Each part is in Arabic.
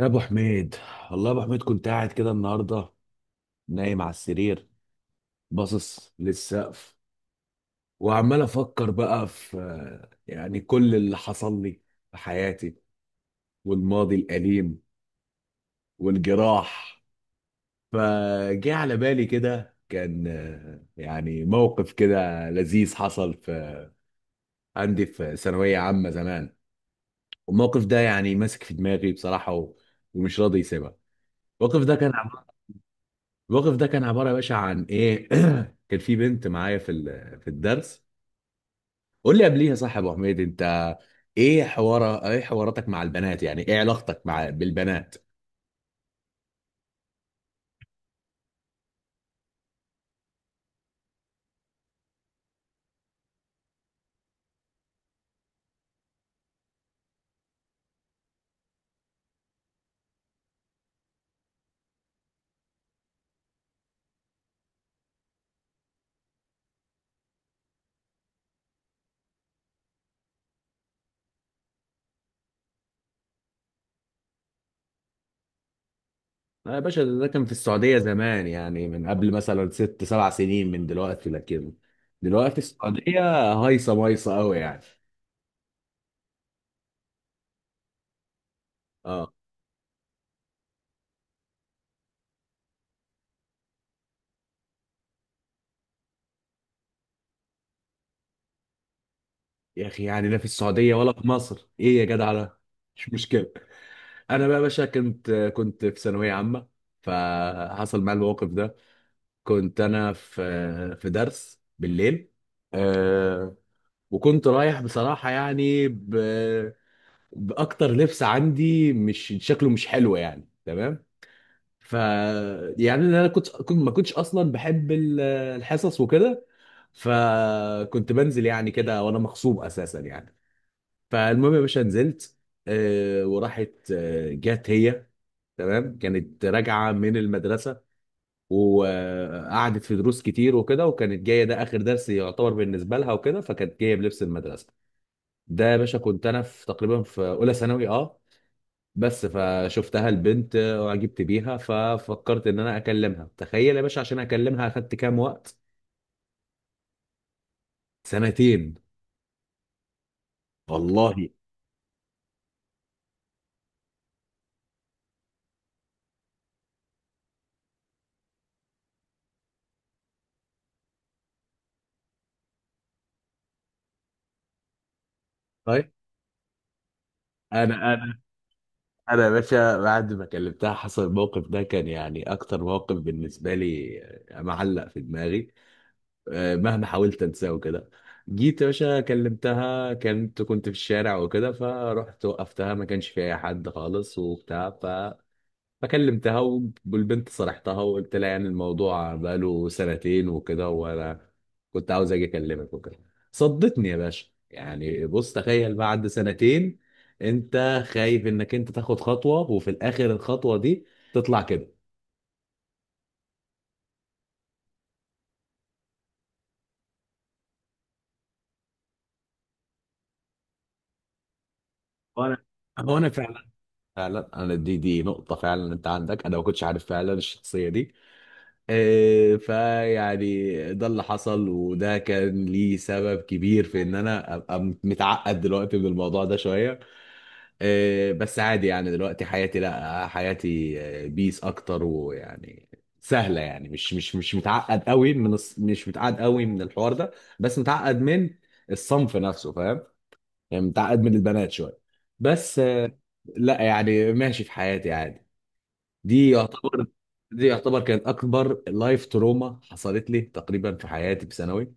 يا ابو حميد، والله يا ابو حميد كنت قاعد كده النهارده، نايم على السرير، باصص للسقف، وعمال افكر بقى في يعني كل اللي حصل لي في حياتي والماضي الاليم والجراح. فجه على بالي كده، كان يعني موقف كده لذيذ حصل في عندي في ثانويه عامه زمان. والموقف ده يعني ماسك في دماغي بصراحه ومش راضي يسيبها. الموقف ده كان الوقف ده كان عباره يا باشا عن ايه. كان في بنت معايا في في الدرس. قول لي قبليها صح يا ابو حميد انت، ايه حواراتك مع البنات؟ يعني ايه علاقتك مع بالبنات؟ لا يا باشا، ده كان في السعوديه زمان، يعني من قبل مثلا 6 7 سنين من دلوقتي، لكن دلوقتي السعوديه هايصه مايصه قوي يعني. اه. يا اخي يعني لا في السعوديه ولا في مصر، ايه يا جدع ده، مش مشكله. انا بقى يا باشا كنت في ثانويه عامه، فحصل معايا الموقف ده. كنت انا في درس بالليل، آه، وكنت رايح بصراحه يعني باكتر لبس عندي مش شكله مش حلو يعني، تمام. ف يعني انا كنت ما كنتش اصلا بحب الحصص وكده، فكنت بنزل يعني كده وانا مغصوب اساسا يعني. فالمهم يا باشا نزلت، وراحت جت هي، تمام. كانت راجعه من المدرسه وقعدت في دروس كتير وكده، وكانت جايه ده اخر درس يعتبر بالنسبه لها وكده، فكانت جايه بلبس المدرسه. ده يا باشا كنت انا في تقريبا في اولى ثانوي، اه، بس. فشفتها البنت وعجبت بيها، ففكرت ان انا اكلمها. تخيل يا باشا، عشان اكلمها اخدت كام وقت. سنتين. والله. طيب. انا انا انا يا باشا بعد ما كلمتها حصل الموقف ده، كان يعني اكتر موقف بالنسبه لي معلق في دماغي، مهما حاولت انساه وكده. جيت يا باشا كلمتها، كنت في الشارع وكده، فرحت وقفتها ما كانش في اي حد خالص وبتاع. فكلمتها والبنت صرحتها وقلت لها يعني الموضوع بقاله سنتين وكده، وانا كنت عاوز اجي اكلمك وكده. صدتني يا باشا، يعني بص تخيل بعد سنتين انت خايف انك انت تاخد خطوة وفي الاخر الخطوة دي تطلع كده. وانا هو انا فعلا، فعلا انا دي نقطة فعلا انت عندك، انا ما كنتش عارف فعلا الشخصية دي. إيه، فيعني ده اللي حصل، وده كان ليه سبب كبير في ان انا ابقى متعقد دلوقتي من الموضوع ده شوية. إيه، بس عادي يعني، دلوقتي حياتي، لا حياتي بيس اكتر، ويعني سهلة يعني، مش متعقد قوي من مش متعقد قوي من الحوار ده، بس متعقد من الصنف نفسه، فاهم؟ يعني متعقد من البنات شويه، بس لا، يعني ماشي في حياتي عادي. دي يعتبر دي يعتبر كانت اكبر لايف تروما حصلت لي تقريبا في حياتي في ثانوي.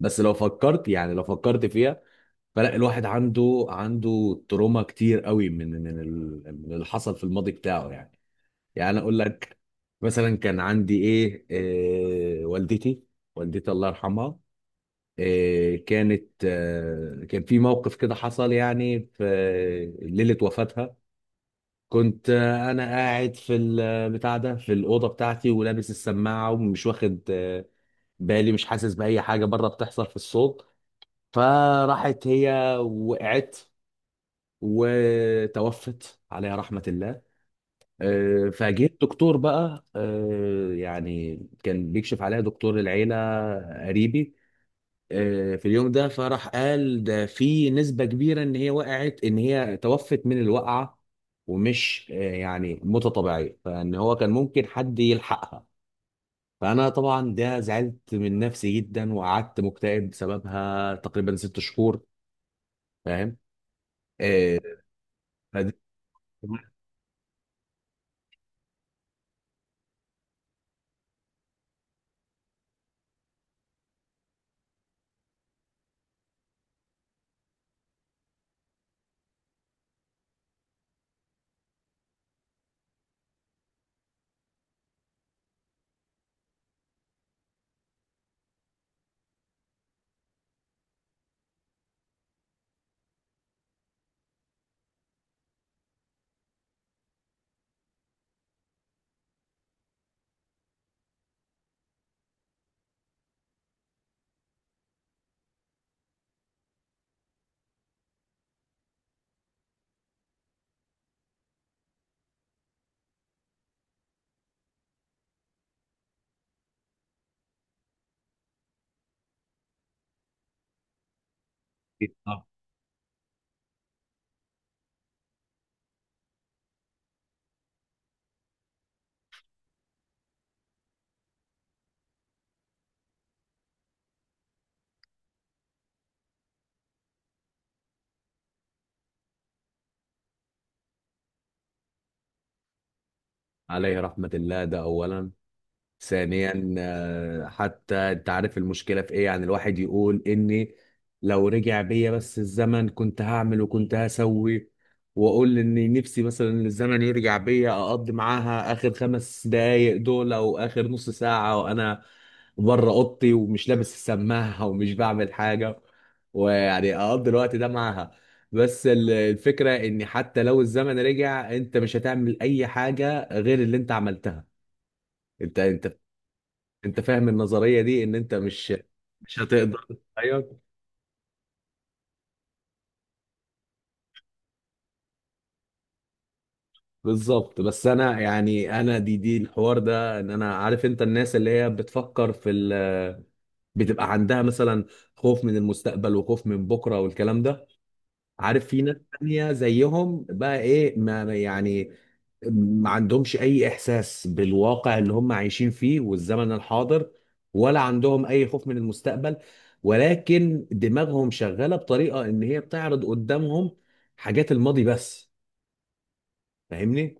بس لو فكرت يعني لو فكرت فيها، فلا، الواحد عنده تروما كتير قوي من من اللي حصل في الماضي بتاعه يعني. يعني انا اقول لك مثلا، كان عندي ايه، إيه، والدتي. والدتي الله يرحمها. إيه، كانت كان في موقف كده حصل يعني في ليلة وفاتها. كنت انا قاعد في البتاع ده في الأوضة بتاعتي ولابس السماعة ومش واخد بالي، مش حاسس بأي حاجة بره بتحصل في الصوت. فراحت هي وقعت، وتوفت عليها رحمة الله. فجيت دكتور بقى، يعني كان بيكشف عليها، دكتور العيلة، قريبي، في اليوم ده. فراح قال ده في نسبة كبيرة ان هي وقعت، ان هي توفت من الوقعة، ومش يعني موتة طبيعية، فان هو كان ممكن حد يلحقها. فانا طبعا ده زعلت من نفسي جدا وقعدت مكتئب بسببها تقريبا 6 شهور، فاهم؟ آه، فدي. عليه رحمة الله، ده اولا. ثانيا حتى انت عارف المشكله في ايه، يعني الواحد يقول اني لو رجع بيا بس الزمن كنت هعمل وكنت هسوي، واقول اني نفسي مثلا الزمن يرجع بيا اقضي معاها اخر 5 دقايق دول، او اخر نص ساعه، وانا بره اوضتي ومش لابس السماعه ومش بعمل حاجه، ويعني اقضي الوقت ده معاها. بس الفكره ان حتى لو الزمن رجع انت مش هتعمل اي حاجه غير اللي انت عملتها. انت انت انت فاهم النظريه دي، ان انت مش هتقدر. ايوه، بالظبط. بس انا يعني انا دي الحوار ده، ان انا عارف انت، الناس اللي هي بتفكر في ال، بتبقى عندها مثلا خوف من المستقبل وخوف من بكره والكلام ده. عارف في ناس تانية زيهم بقى ايه، يعني ما عندهمش اي احساس بالواقع اللي هم عايشين فيه والزمن الحاضر، ولا عندهم اي خوف من المستقبل، ولكن دماغهم شغالة بطريقة ان هي بتعرض قدامهم حاجات الماضي بس، فاهمني؟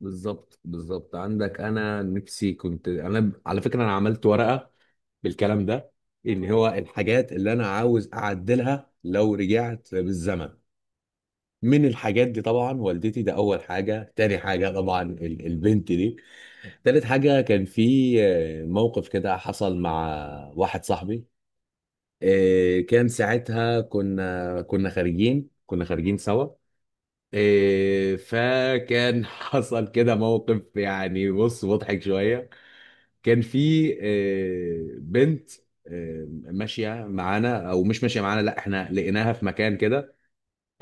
بالظبط، عندك، انا نفسي كنت، انا على فكرة انا عملت ورقة بالكلام ده، ان هو الحاجات اللي انا عاوز اعدلها لو رجعت بالزمن. من الحاجات دي طبعا والدتي، ده اول حاجه. تاني حاجه طبعا البنت دي. تالت حاجه كان في موقف كده حصل مع واحد صاحبي. كان ساعتها كنا خارجين، كنا خارجين سوا. فكان حصل كده موقف، يعني بص مضحك شويه. كان في بنت ماشيه معانا، او مش ماشيه معانا، لا احنا لقيناها في مكان كده.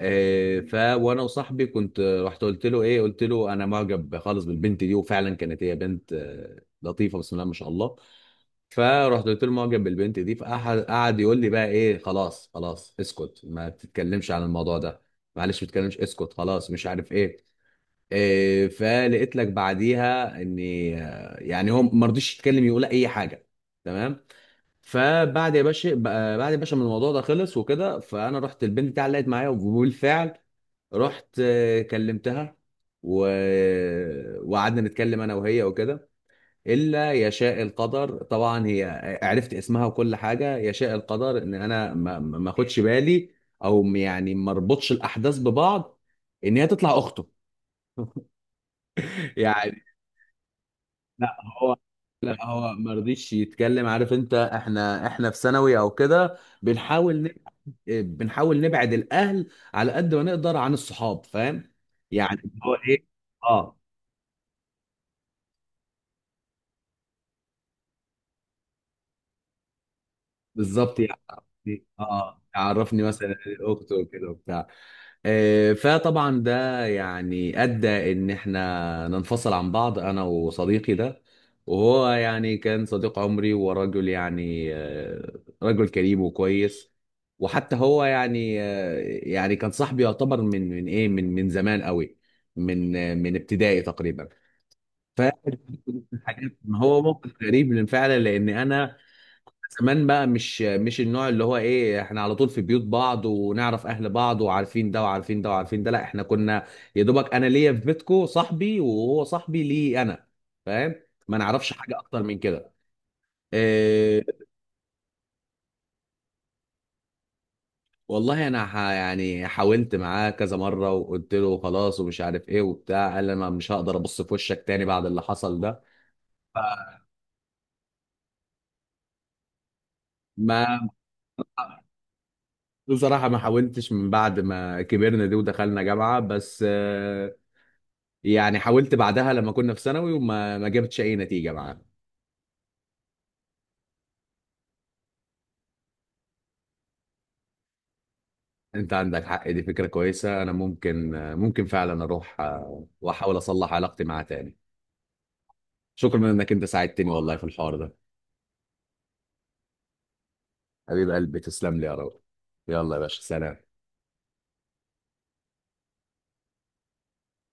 آه، ف وانا وصاحبي كنت رحت قلت له ايه، قلت له انا معجب خالص بالبنت دي. وفعلا كانت هي بنت لطيفه، بسم الله ما شاء الله. فرحت قلت له معجب بالبنت دي، فقعد يقول لي بقى ايه، خلاص خلاص اسكت، ما تتكلمش عن الموضوع ده، معلش ما تتكلمش، اسكت خلاص، مش عارف ايه. فلقيت لك بعديها اني يعني هو ما رضيش يتكلم يقول اي حاجه، تمام. فبعد يا باشا بعد يا باشا ما الموضوع ده خلص وكده، فانا رحت البنت بتاعي علقت معايا، وبالفعل رحت كلمتها، و... وقعدنا نتكلم انا وهي وكده. الا يشاء القدر طبعا، هي عرفت اسمها وكل حاجه، يشاء القدر ان انا ما اخدش بالي، يعني ما اربطش الاحداث ببعض، ان هي تطلع اخته. يعني. لا هو لا، هو ما رضيش يتكلم. عارف انت، احنا في ثانوي او كده، بنحاول نبعد الاهل على قد ما نقدر عن الصحاب، فاهم؟ يعني اللي هو ايه. اه، بالظبط. يعني اه، عرفني مثلا اخته وكده وبتاع. فطبعا ده يعني ادى ان احنا ننفصل عن بعض، انا وصديقي ده. وهو يعني كان صديق عمري ورجل، يعني رجل كريم وكويس. وحتى هو يعني يعني كان صاحبي يعتبر من من ايه من من زمان قوي، من من ابتدائي تقريبا، فاكر. حاجات. ما هو موقف غريب من فعلا، لان انا زمان بقى، مش النوع اللي هو ايه احنا على طول في بيوت بعض، ونعرف اهل بعض، وعارفين ده وعارفين ده وعارفين ده. لا، احنا كنا يا دوبك انا ليا في بيتكو صاحبي، وهو صاحبي ليه انا، فاهم؟ ما نعرفش حاجه اكتر من كده. إيه. والله انا يعني حاولت معاه كذا مره وقلت له خلاص ومش عارف ايه وبتاع، قال لي انا مش هقدر ابص في وشك تاني بعد اللي حصل ده. ما بصراحة ما حاولتش من بعد ما كبرنا دي ودخلنا جامعة، بس يعني حاولت بعدها لما كنا في ثانوي وما ما جبتش أي نتيجة معاها. أنت عندك حق، دي فكرة كويسة. أنا ممكن ممكن فعلا أروح وأحاول أصلح علاقتي معاه تاني. شكرا إنك أنت ساعدتني والله في الحوار ده. حبيب قلبي تسلم لي يا رب. يلا يا باشا، سلام.